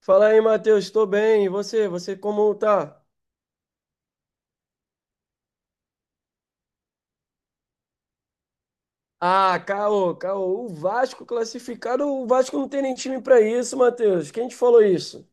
Fala aí, Matheus, estou bem. E você? Você como tá? Ah, caô, caô. O Vasco classificado, o Vasco não tem nem time pra isso, Matheus. Quem te falou isso?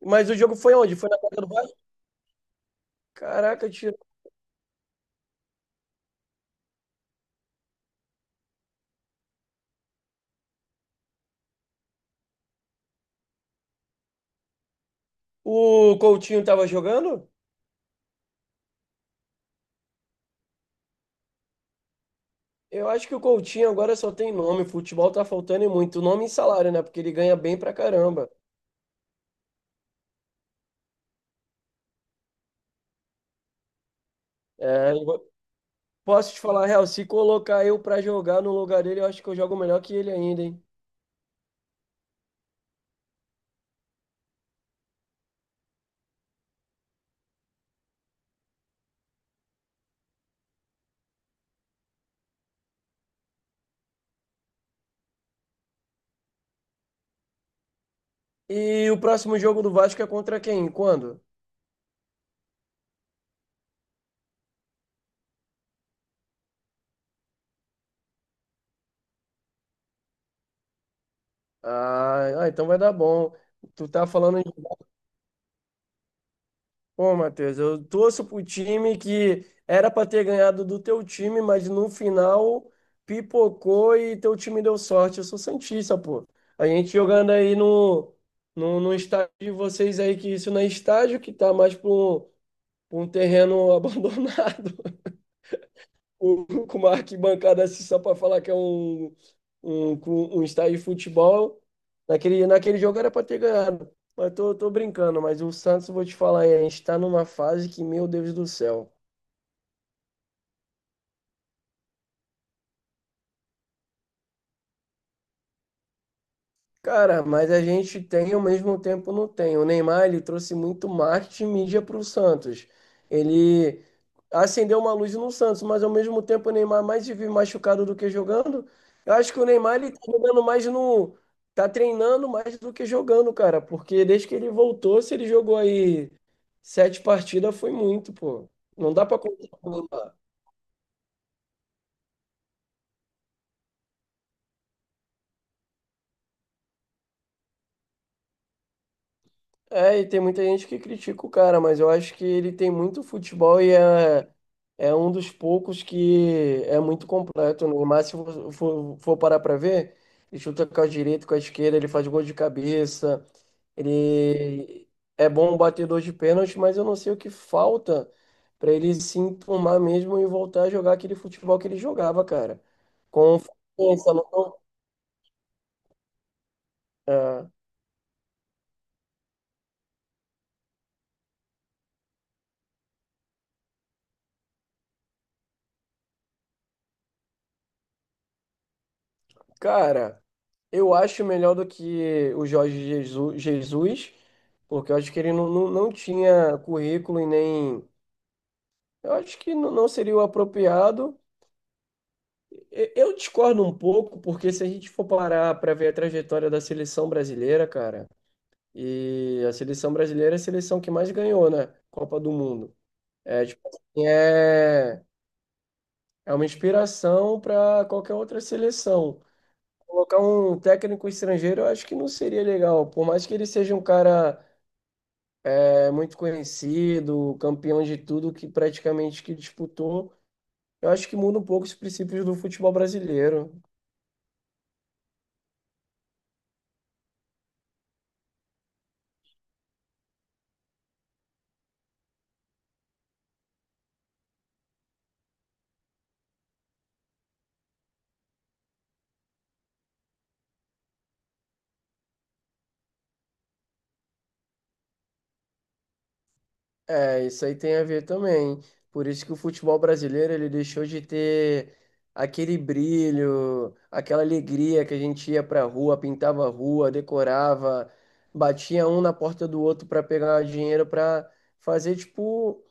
Mas o jogo foi onde? Foi na casa do Vasco? Caraca, tiro. O Coutinho tava jogando? Eu acho que o Coutinho agora só tem nome. Futebol tá faltando e muito. Nome e salário, né? Porque ele ganha bem pra caramba. É, posso te falar a real, se colocar eu pra jogar no lugar dele, eu acho que eu jogo melhor que ele ainda, hein? E o próximo jogo do Vasco é contra quem? Quando? Ah, ah, então vai dar bom. Tu tá falando, pô, Matheus, eu torço pro time que era pra ter ganhado do teu time, mas no final pipocou e teu time deu sorte. Eu sou santista, pô. A gente jogando aí no, no estádio de vocês aí, que isso não é estádio, que tá mais pra um, terreno abandonado, com uma arquibancada assim só pra falar que é com um estádio de futebol. Naquele jogo era para ter ganhado. Mas tô brincando, mas o Santos, vou te falar, hein, a gente tá numa fase que, meu Deus do céu. Cara, mas a gente tem e ao mesmo tempo não tem. O Neymar, ele trouxe muito marketing e mídia para o Santos. Ele acendeu uma luz no Santos, mas ao mesmo tempo o Neymar mais vive machucado do que jogando. Eu acho que o Neymar, ele tá jogando mais no... Tá treinando mais do que jogando, cara. Porque desde que ele voltou, se ele jogou aí sete partidas, foi muito, pô. Não dá pra contar. É, e tem muita gente que critica o cara, mas eu acho que ele tem muito futebol e é um dos poucos que é muito completo. O Neymar, se for parar pra ver, ele chuta com a direita, com a esquerda, ele faz gol de cabeça, ele é bom batedor de pênalti, mas eu não sei o que falta pra ele se enturmar mesmo e voltar a jogar aquele futebol que ele jogava, cara. Com força, não... É, cara. Eu acho melhor do que o Jorge Jesus, porque eu acho que ele não tinha currículo e nem. Eu acho que não seria o apropriado. Eu discordo um pouco, porque se a gente for parar para ver a trajetória da seleção brasileira, cara, e a seleção brasileira é a seleção que mais ganhou, né? Copa do Mundo. É, tipo, assim, é uma inspiração para qualquer outra seleção. Colocar um técnico estrangeiro, eu acho que não seria legal, por mais que ele seja um cara é muito conhecido, campeão de tudo que praticamente que disputou. Eu acho que muda um pouco os princípios do futebol brasileiro. É, isso aí tem a ver também. Por isso que o futebol brasileiro ele deixou de ter aquele brilho, aquela alegria que a gente ia pra rua, pintava a rua, decorava, batia um na porta do outro para pegar dinheiro para fazer tipo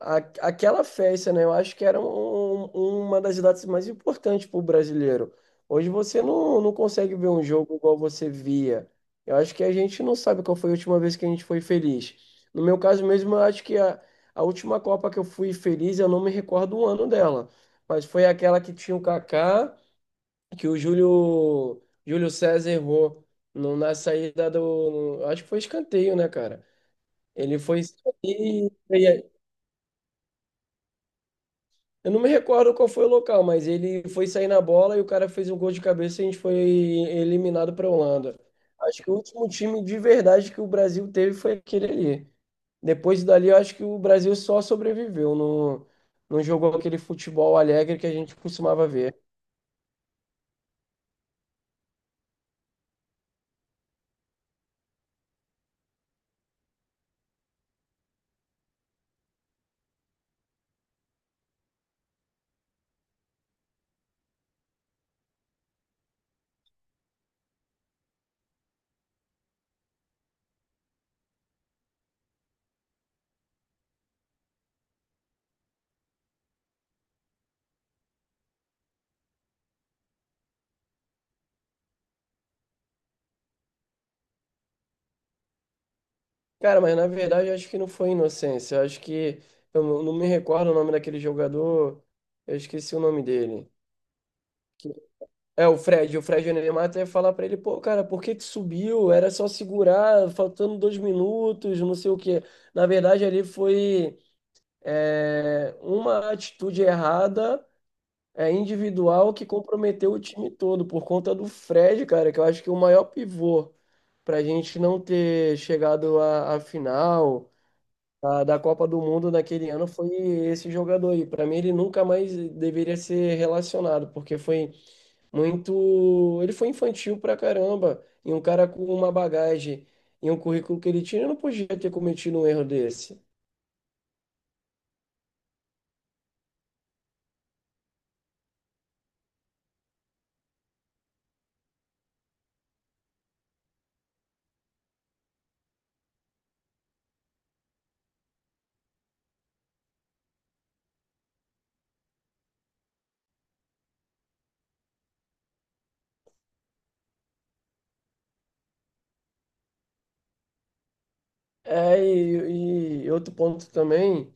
a- aquela festa, né? Eu acho que era uma das datas mais importantes para o brasileiro. Hoje você não consegue ver um jogo igual você via. Eu acho que a gente não sabe qual foi a última vez que a gente foi feliz. No meu caso mesmo, eu acho que a última Copa que eu fui feliz, eu não me recordo o ano dela. Mas foi aquela que tinha o Kaká, que o Júlio César errou na saída do. Acho que foi escanteio, né, cara? Ele foi. E eu não me recordo qual foi o local, mas ele foi sair na bola e o cara fez um gol de cabeça e a gente foi eliminado para a Holanda. Acho que o último time de verdade que o Brasil teve foi aquele ali. Depois dali, eu acho que o Brasil só sobreviveu, não, não jogou aquele futebol alegre que a gente costumava ver. Cara, mas na verdade, eu acho que não foi inocência. Eu acho que eu não me recordo o nome daquele jogador, eu esqueci o nome dele. É, o Fred, o Fred, Neymar ia falar pra ele, pô, cara, por que que subiu? Era só segurar, faltando 2 minutos, não sei o quê. Na verdade, ali foi uma atitude errada, individual, que comprometeu o time todo, por conta do Fred, cara, que eu acho que é o maior pivô pra gente não ter chegado à final da Copa do Mundo naquele ano foi esse jogador aí. Pra mim, ele nunca mais deveria ser relacionado, porque foi muito. Ele foi infantil pra caramba. E um cara com uma bagagem e um currículo que ele tinha, ele não podia ter cometido um erro desse. É, e outro ponto também.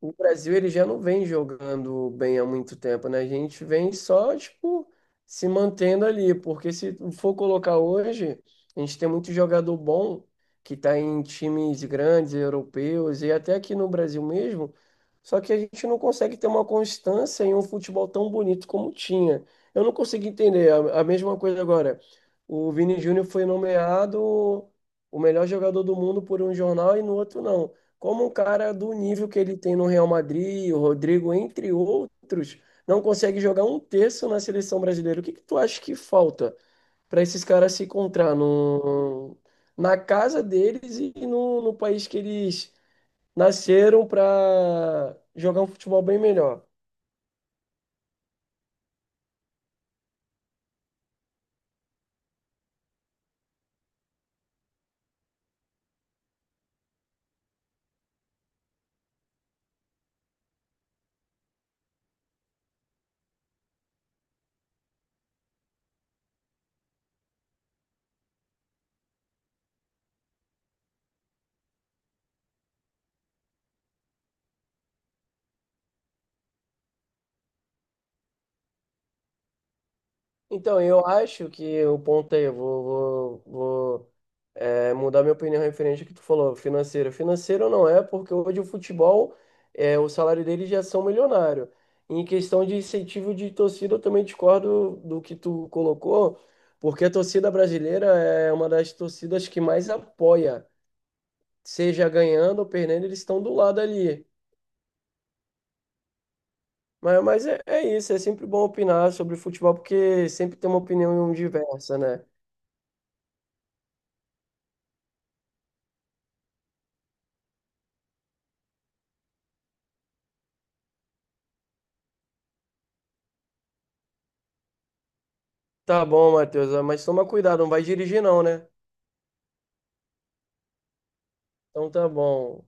O Brasil ele já não vem jogando bem há muito tempo, né? A gente vem só, tipo, se mantendo ali, porque se for colocar hoje, a gente tem muito jogador bom que tá em times grandes, europeus e até aqui no Brasil mesmo, só que a gente não consegue ter uma constância em um futebol tão bonito como tinha. Eu não consigo entender. A mesma coisa agora. O Vini Júnior foi nomeado o melhor jogador do mundo por um jornal e no outro não, como um cara do nível que ele tem no Real Madrid, o Rodrigo, entre outros, não consegue jogar um terço na seleção brasileira. O que que tu acha que falta para esses caras se encontrar no, na casa deles e no país que eles nasceram para jogar um futebol bem melhor? Então, eu acho que o ponto aí, eu vou, mudar minha opinião referente ao que tu falou, financeiro. Financeiro não é, porque hoje o futebol, o salário deles já são milionário. Em questão de incentivo de torcida, eu também discordo do que tu colocou, porque a torcida brasileira é uma das torcidas que mais apoia, seja ganhando ou perdendo, eles estão do lado ali. Mas é isso, é sempre bom opinar sobre futebol, porque sempre tem uma opinião diversa, né? Tá bom, Matheus, mas toma cuidado, não vai dirigir não, né? Então tá bom.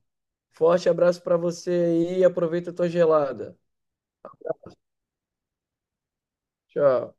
Forte abraço para você aí. E aproveita a tua gelada. Tchau.